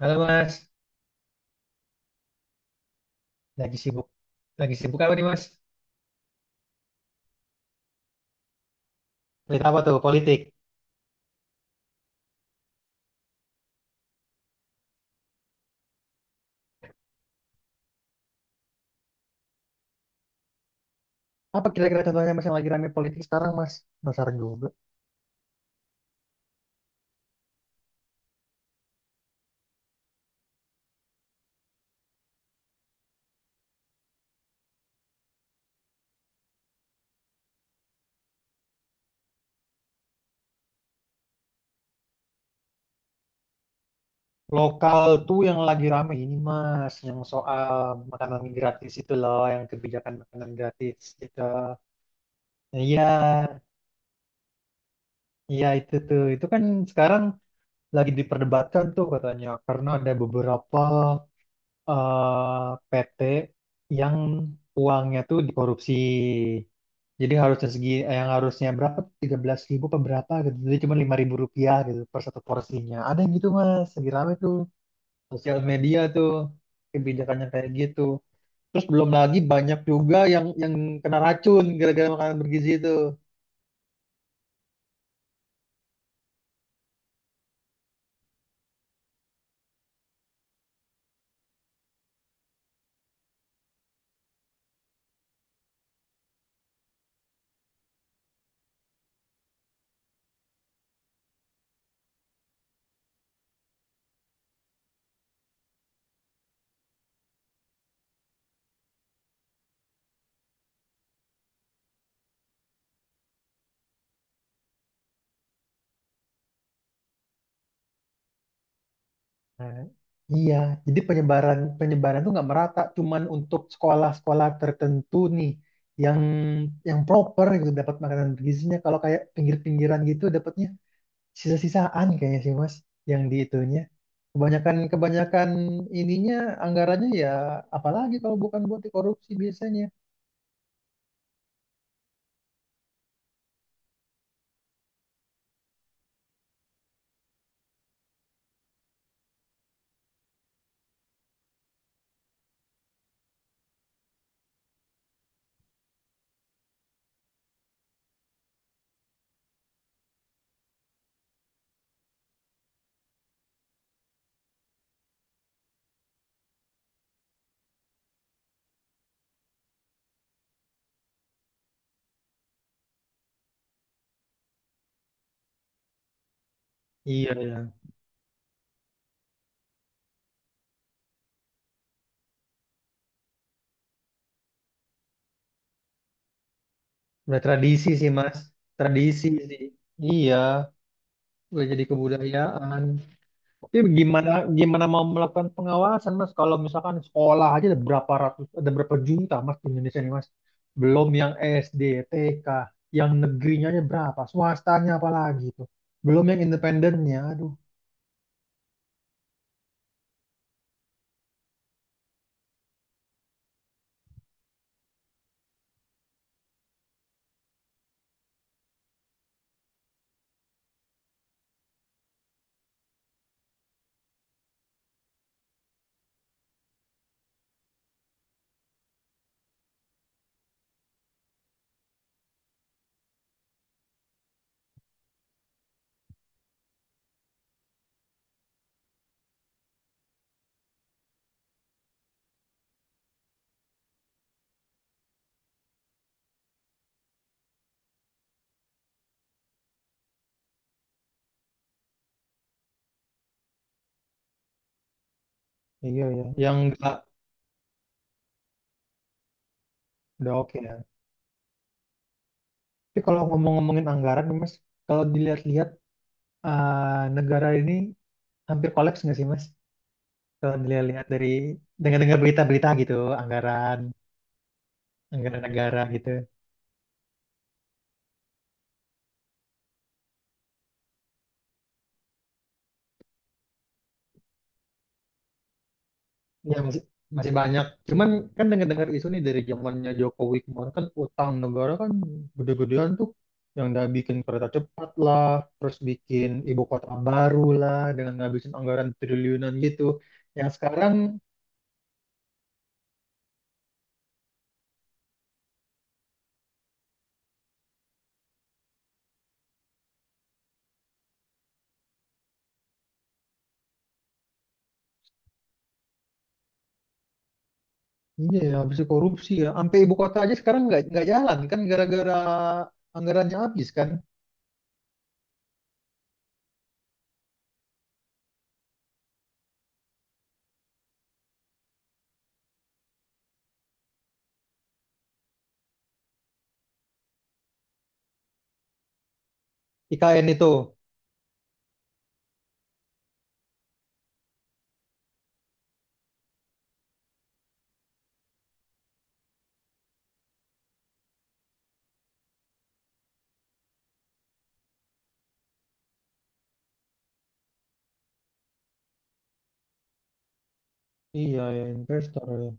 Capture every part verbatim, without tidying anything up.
Halo Mas, lagi sibuk. Lagi sibuk apa nih Mas? Berita apa tuh? Politik. Apa kira-kira contohnya Mas yang lagi rame politik sekarang Mas? Penasaran juga. Lokal tuh yang lagi rame ini Mas, yang soal makanan gratis itu loh, yang kebijakan makanan gratis gitu. Iya, iya itu tuh. Itu kan sekarang lagi diperdebatkan tuh katanya, karena ada beberapa eh, P T yang uangnya tuh dikorupsi. Jadi harusnya segi eh, yang harusnya berapa? Tiga belas ribu ribu berapa gitu. Jadi cuma lima ribu rupiah gitu per satu porsinya. Ada yang gitu Mas, lagi rame tuh. Sosial media tuh kebijakannya kayak gitu. Terus belum lagi banyak juga yang yang kena racun gara-gara makanan bergizi itu. Nah, iya, jadi penyebaran penyebaran tuh nggak merata, cuman untuk sekolah-sekolah tertentu nih yang yang proper gitu dapat makanan bergizinya. Kalau kayak pinggir-pinggiran gitu dapatnya sisa-sisaan kayaknya sih Mas, yang di itunya. Kebanyakan kebanyakan ininya anggarannya ya apalagi kalau bukan buat korupsi biasanya. Iya ya, udah tradisi sih Mas, tradisi sih. Iya, udah jadi kebudayaan. Tapi gimana gimana mau melakukan pengawasan Mas kalau misalkan sekolah aja ada berapa ratus ada berapa juta Mas di Indonesia nih Mas. Belum yang S D, T K, yang negerinya aja berapa, swastanya apalagi tuh. Belum yang independennya. Aduh, iya ya. Yang enggak udah oke ya. Tapi kalau ngomong-ngomongin anggaran nih, Mas, kalau dilihat-lihat eh, negara ini hampir kolaps nggak sih Mas? Kalau dilihat-lihat dari dengar-dengar berita-berita gitu, anggaran anggaran negara gitu. Ya masih masih banyak. Cuman kan dengar-dengar isu nih dari zamannya Jokowi kemarin kan utang negara kan gede-gedean tuh yang udah bikin kereta cepat lah, terus bikin ibu kota baru lah dengan ngabisin anggaran triliunan gitu. Yang sekarang iya ya habis korupsi ya. Sampai ibu kota aja sekarang nggak nggak jalan kan gara-gara anggarannya habis kan. I K N itu. Iya ya investor ya.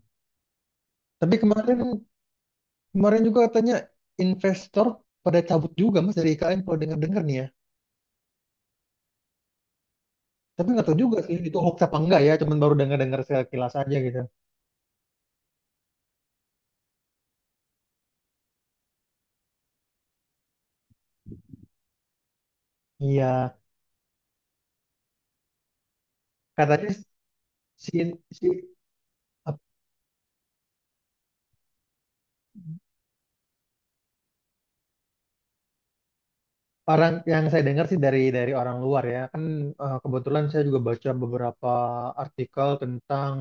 Tapi kemarin kemarin juga katanya investor pada cabut juga Mas dari I K N kalau dengar-dengar nih ya. Tapi nggak tahu juga sih itu hoax apa enggak ya, cuman baru dengar-dengar sekilas aja gitu. Iya, katanya si si ap- orang yang saya dengar sih dari dari orang luar ya. Kan eh, kebetulan saya juga baca beberapa artikel tentang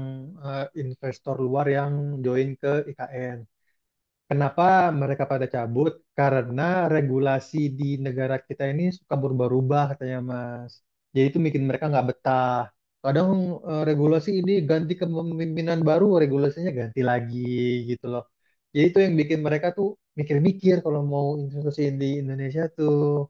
eh, investor luar yang join ke I K N. Kenapa mereka pada cabut? Karena regulasi di negara kita ini suka berubah-ubah katanya Mas. Jadi itu bikin mereka nggak betah. Kadang eh, regulasi ini ganti kepemimpinan baru, regulasinya ganti lagi gitu loh. Jadi itu yang bikin mereka tuh mikir-mikir kalau mau investasi di Indonesia tuh.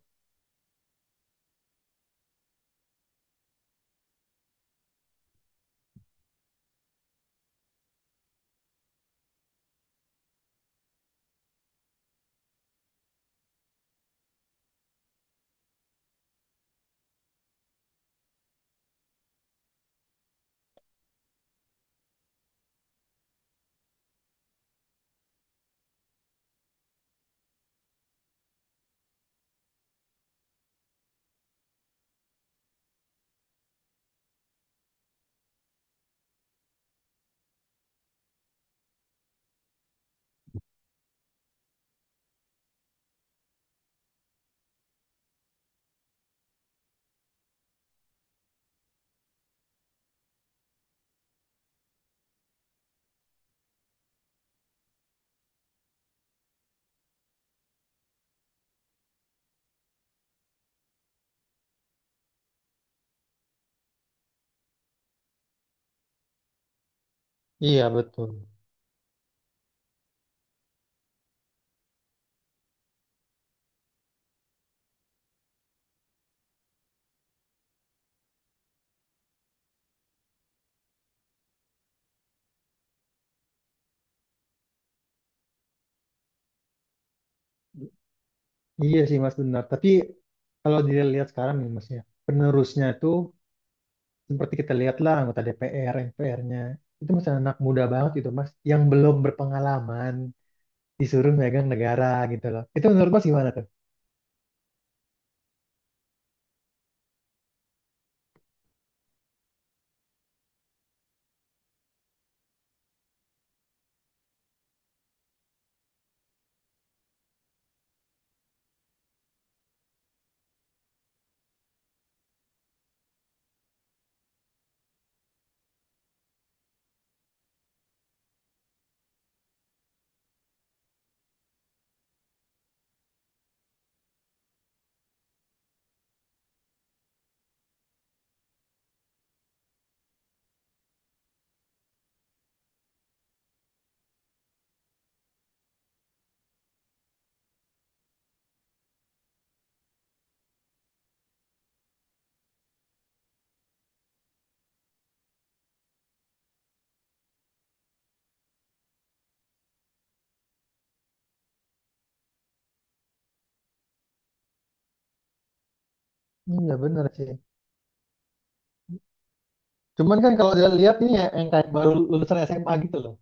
Iya betul. Iya sih Mas benar. Tapi kalau dilihat sekarang nih Mas ya, penerusnya tuh seperti kita lihatlah anggota D P R, M P R-nya itu masih anak muda banget gitu mas, yang belum berpengalaman disuruh megang negara gitu loh. Itu menurut mas gimana tuh? Ini nggak bener sih. Cuman kan kalau kita lihat nih ya, yang kayak baru lulusan S M A gitu loh.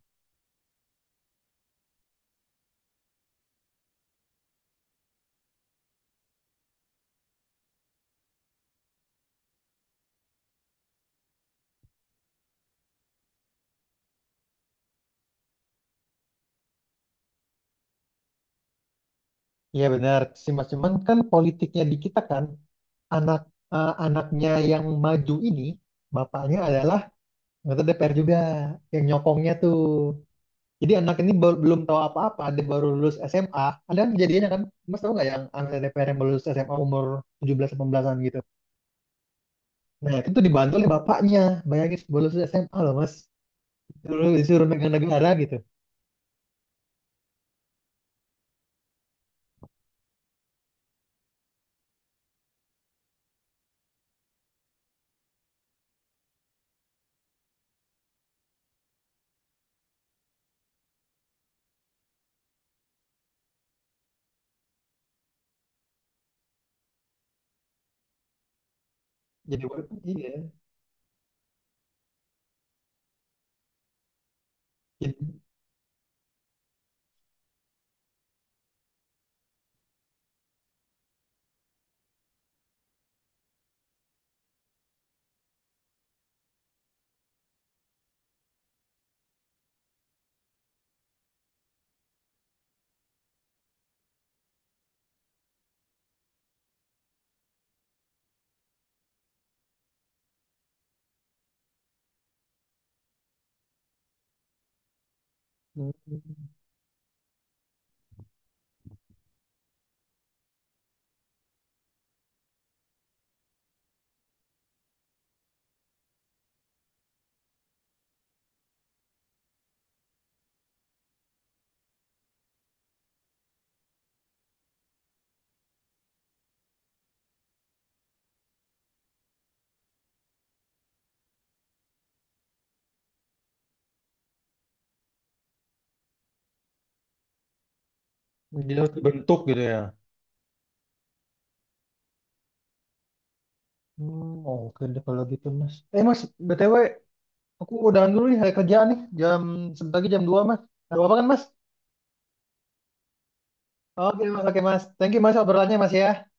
Iya benar sih mas, cuman kan politiknya di kita kan anak eh, anaknya yang maju ini bapaknya adalah anggota D P R juga yang nyokongnya tuh. Jadi anak ini bel- belum tahu apa-apa, dia baru lulus S M A. Ada kan kejadiannya kan, Mas tahu nggak yang anak D P R yang baru lulus S M A umur tujuh belas delapan belasan gitu. Nah itu tuh dibantu oleh bapaknya. Bayangin baru lulus S M A loh Mas. Dulu disuruh megang negara gitu. Jadi iya. Jadi, hmm, jadi harus dibentuk gitu ya. Hmm, oke deh kalau gitu Mas. Eh Mas, B T W aku udahan dulu nih hari kerja nih. Jam sebentar lagi jam dua, Mas. Ada apa kan Mas? Oke Mas, oke Mas. Thank you Mas obrolannya Mas ya.